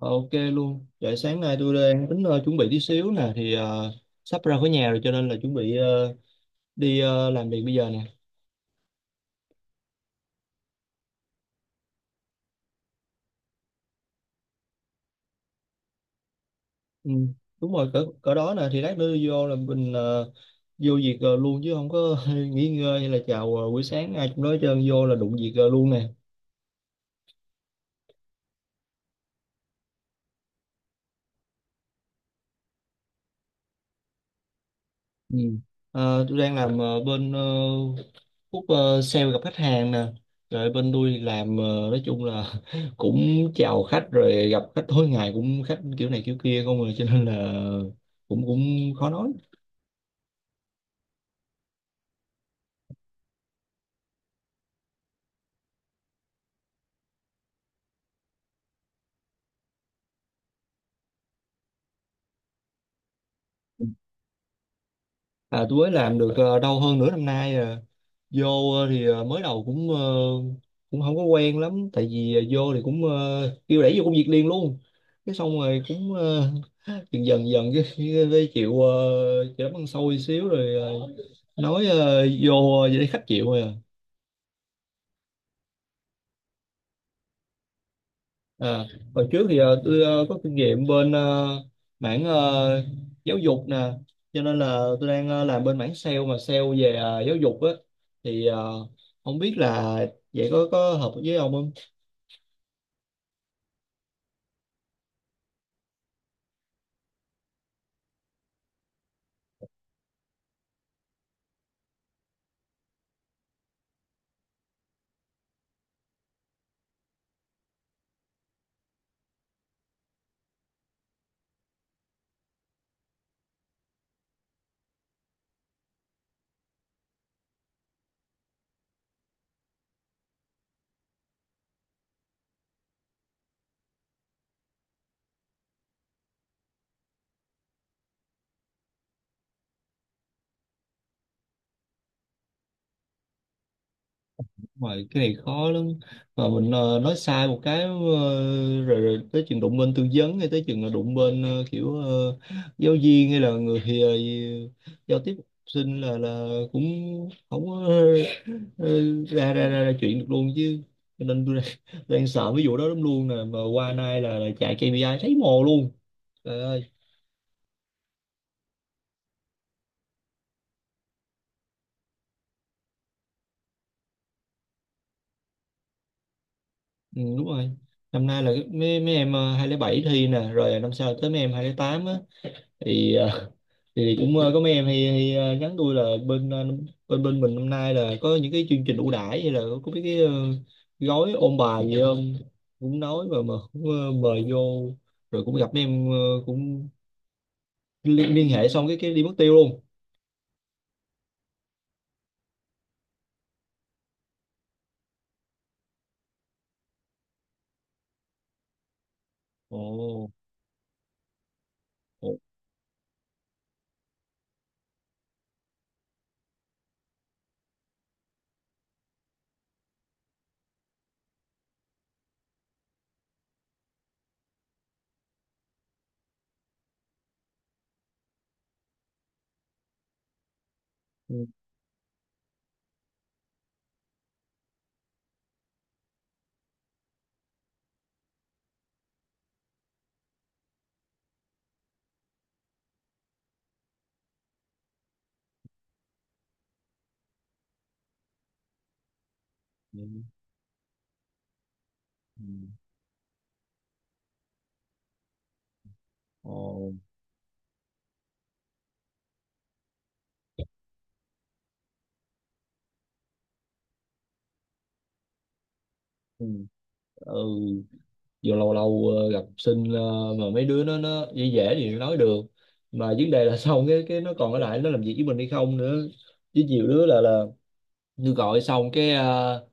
Ok luôn. Vậy sáng nay tôi đang tính chuẩn bị tí xíu nè thì sắp ra khỏi nhà rồi, cho nên là chuẩn bị đi làm việc bây giờ nè. Ừ, đúng rồi, cỡ cỡ đó nè, thì lát nữa vô là mình vô việc luôn chứ không có nghỉ ngơi hay là chào buổi sáng ai cũng nói hết trơn, vô là đụng việc luôn nè. Ừ. Ờ, tôi đang làm bên khúc sale, gặp khách hàng nè. Rồi bên tôi thì làm, nói chung là cũng chào khách rồi gặp khách tối ngày, cũng khách kiểu này kiểu kia không, rồi cho nên là cũng cũng khó nói. À, tôi mới làm được đâu hơn nửa năm nay à. Vô thì mới đầu cũng không có quen lắm, tại vì vô thì cũng kêu đẩy vô công việc liền luôn. Cái xong rồi cũng dần dần dần cái chịu, chịu đấm ăn xôi xíu rồi, nói vô vậy thấy khách chịu rồi à. À, hồi trước thì tôi có kinh nghiệm bên mảng giáo dục nè, cho nên là tôi đang làm bên mảng sale, mà sale về giáo dục á. Thì không biết là vậy có hợp với ông không. Ngoài cái này khó lắm, mà mình nói sai một cái rồi tới chừng đụng bên tư vấn, hay tới chừng là đụng bên kiểu giáo viên, hay là người giao tiếp học sinh, là cũng không có ờ, ra, ra ra ra chuyện được luôn chứ. Cho nên tôi đang sợ ví dụ đó lắm luôn nè, mà qua nay là chạy KPI thấy mồ luôn. Trời ơi. Ừ, đúng rồi. Năm nay là mấy mấy em 2007 thi nè, rồi năm sau tới mấy em 208 á. Thì thì cũng có mấy em hay nhắn tôi là bên bên bên mình năm nay là có những cái chương trình ưu đãi, hay là có mấy cái gói ôn bài gì không. Cũng nói, mà cũng mời vô. Rồi cũng gặp mấy em cũng liên hệ xong cái đi mất tiêu luôn. Ồ, ồ. Ừ. Ừ, ừ. Ồ. Ừ. Ừ. Giờ lâu lâu gặp học sinh, mà mấy đứa nó dễ dễ thì nói được, mà vấn đề là xong cái nó còn ở lại nó làm việc với mình hay không nữa. Với nhiều đứa là tôi gọi xong cái,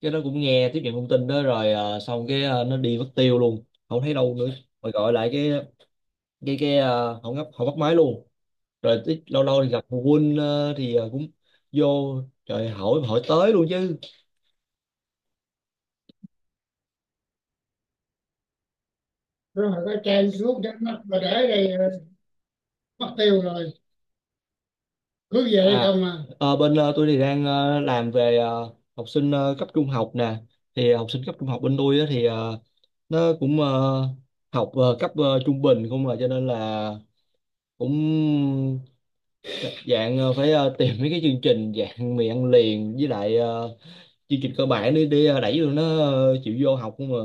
cái nó cũng nghe tiếp nhận thông tin đó rồi, xong cái nó đi mất tiêu luôn, không thấy đâu nữa. Rồi gọi lại cái không ngấp không bắt máy luôn. Rồi lâu lâu thì gặp phụ huynh, thì cũng vô, trời, hỏi hỏi tới luôn chứ. Rồi cái trang xuống chắc mất, mà để đây mất tiêu rồi. Cứ vậy à, không à. Ờ, Bên tôi thì đang làm về học sinh cấp trung học nè. Thì học sinh cấp trung học bên tôi á thì nó cũng học cấp trung bình không mà, cho nên là cũng dạng phải tìm mấy cái chương trình dạng mì ăn liền, với lại chương trình cơ bản, để đẩy tụi nó chịu vô học không mà.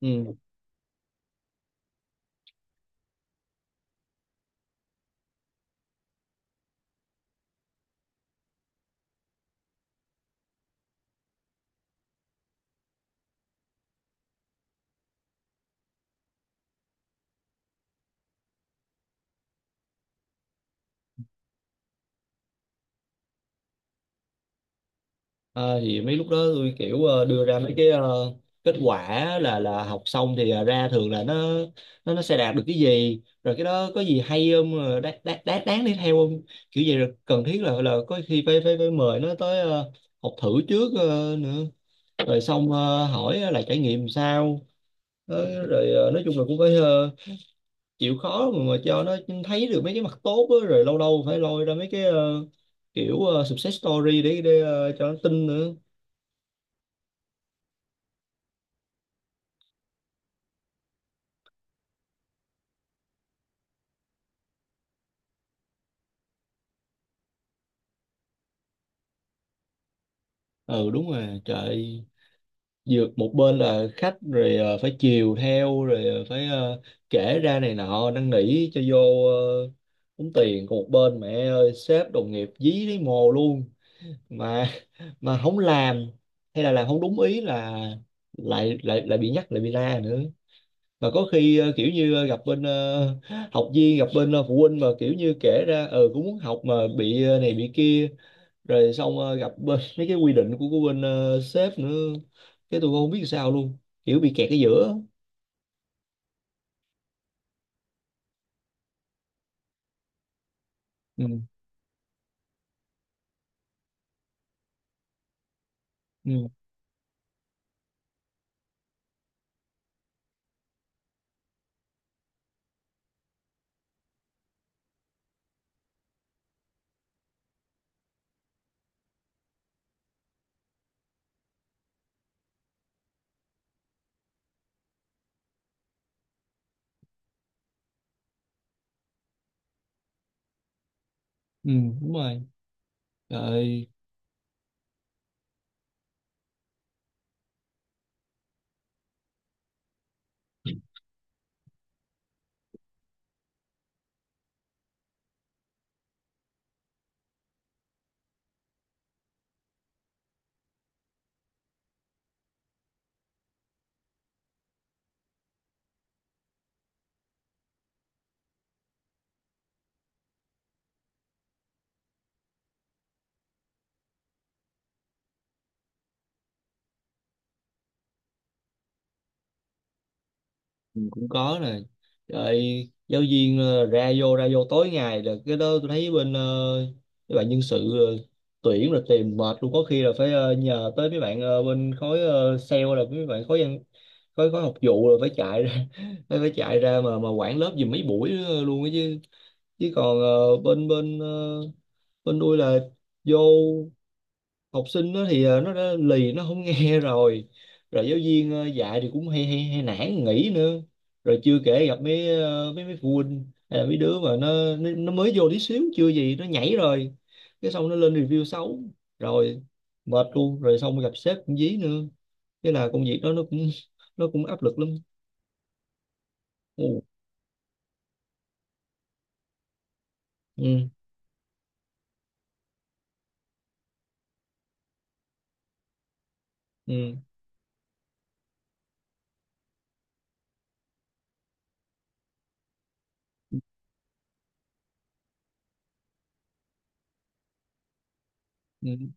Ừ. Ờ, thì mấy lúc đó tôi kiểu đưa ra mấy cái kết quả, là học xong thì ra thường là nó sẽ đạt được cái gì, rồi cái đó có gì hay không, đáng đáng đáng đáng đi theo không, kiểu vậy. Rồi cần thiết là có khi phải phải phải mời nó tới học thử trước nữa. Rồi xong hỏi là trải nghiệm sao. Ờ, rồi nói chung là cũng phải chịu khó mà cho nó thấy được mấy cái mặt tốt á. Rồi lâu lâu phải lôi ra mấy cái kiểu success story để cho nó tin nữa. Ừ, đúng rồi. Trời ơi. Vừa một bên là khách rồi phải chiều theo, rồi phải kể ra này nọ, năn nỉ cho vô ờ, tốn tiền. Còn một bên, mẹ ơi, sếp đồng nghiệp dí lấy mồ luôn. Mà mà không làm, hay là làm không đúng ý, là lại lại lại bị nhắc, lại bị la nữa. Mà có khi kiểu như gặp bên học viên, gặp bên phụ huynh, mà kiểu như kể ra ờ cũng muốn học, mà bị này bị kia. Rồi xong gặp bên mấy cái quy định của bên sếp nữa, cái tụi con không biết sao luôn, kiểu bị kẹt ở giữa. Ừ. Ừ. Ừ, đúng rồi. Trời. Ừ, cũng có nè. Rồi giáo viên ra vô tối ngày, là cái đó tôi thấy bên mấy bạn nhân sự tuyển là tìm mệt luôn. Có khi là phải nhờ tới mấy bạn bên khối sale, là mấy bạn khối văn, khối khối học vụ, là phải chạy ra phải phải chạy ra mà quản lớp giùm mấy buổi nữa luôn á chứ chứ còn bên bên ờ, bên tôi là vô, học sinh nó thì nó đã lì, nó không nghe rồi rồi giáo viên dạy thì cũng hay, hay nản nghỉ nữa. Rồi chưa kể gặp mấy mấy mấy phụ huynh, hay là mấy đứa mà nó mới vô tí xíu, chưa gì nó nhảy rồi, cái xong nó lên review xấu. Rồi mệt luôn, rồi xong gặp sếp cũng dí nữa. Thế là công việc đó nó cũng nó cũng áp lực lắm. Ừ. Ừ. Ừ. Ừ,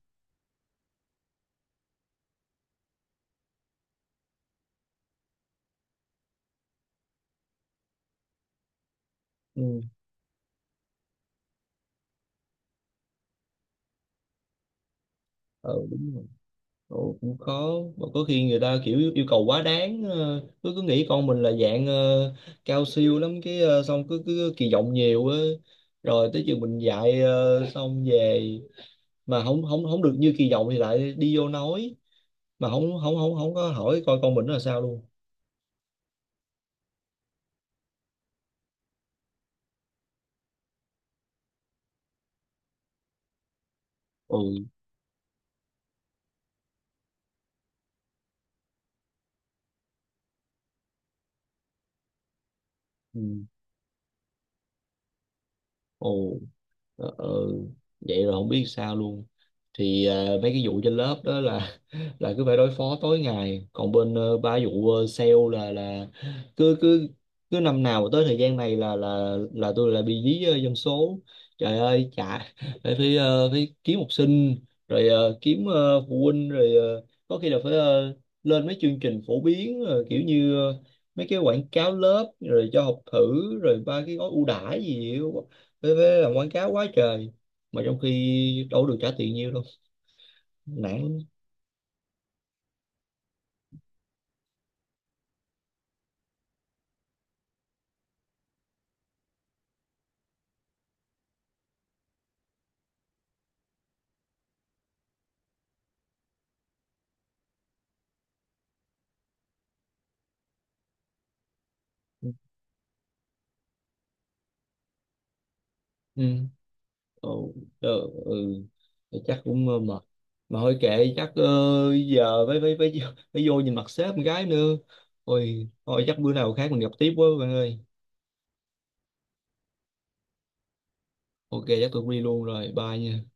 ừ. Ờ, đúng rồi. Ồ, cũng khó, mà có khi người ta kiểu yêu cầu quá đáng, cứ cứ nghĩ con mình là dạng cao siêu lắm, cái xong cứ cứ kỳ vọng nhiều á. Rồi tới chừng mình dạy xong về mà không không không được như kỳ vọng, thì lại đi vô nói mà không không không không có hỏi coi con mình nó là sao luôn. Ừ. Ừ. Ồ. ờ, ờ, Vậy rồi không biết sao luôn. Thì mấy cái vụ trên lớp đó là là cứ phải đối phó tối ngày. Còn bên ba vụ sale là cứ cứ cứ năm nào mà tới thời gian này là tôi lại bị dí dân số. Trời ơi, chả phải phải, ờ, phải kiếm học sinh, rồi kiếm phụ huynh. Rồi có khi là phải lên mấy chương trình phổ biến kiểu như mấy cái quảng cáo lớp rồi cho học thử, rồi ba cái gói ưu đãi gì ấy. Phải làm quảng cáo quá trời, mà trong khi đâu có được trả tiền nhiêu đâu. Nản. Ừ. Ồ. Ờ. Ừ. Thì chắc cũng mệt, mà thôi kệ, chắc giờ phải phải vô nhìn mặt sếp con gái nữa. Ôi thôi, chắc bữa nào khác mình gặp tiếp quá bạn ơi. Ok, chắc tôi đi luôn rồi, bye nha.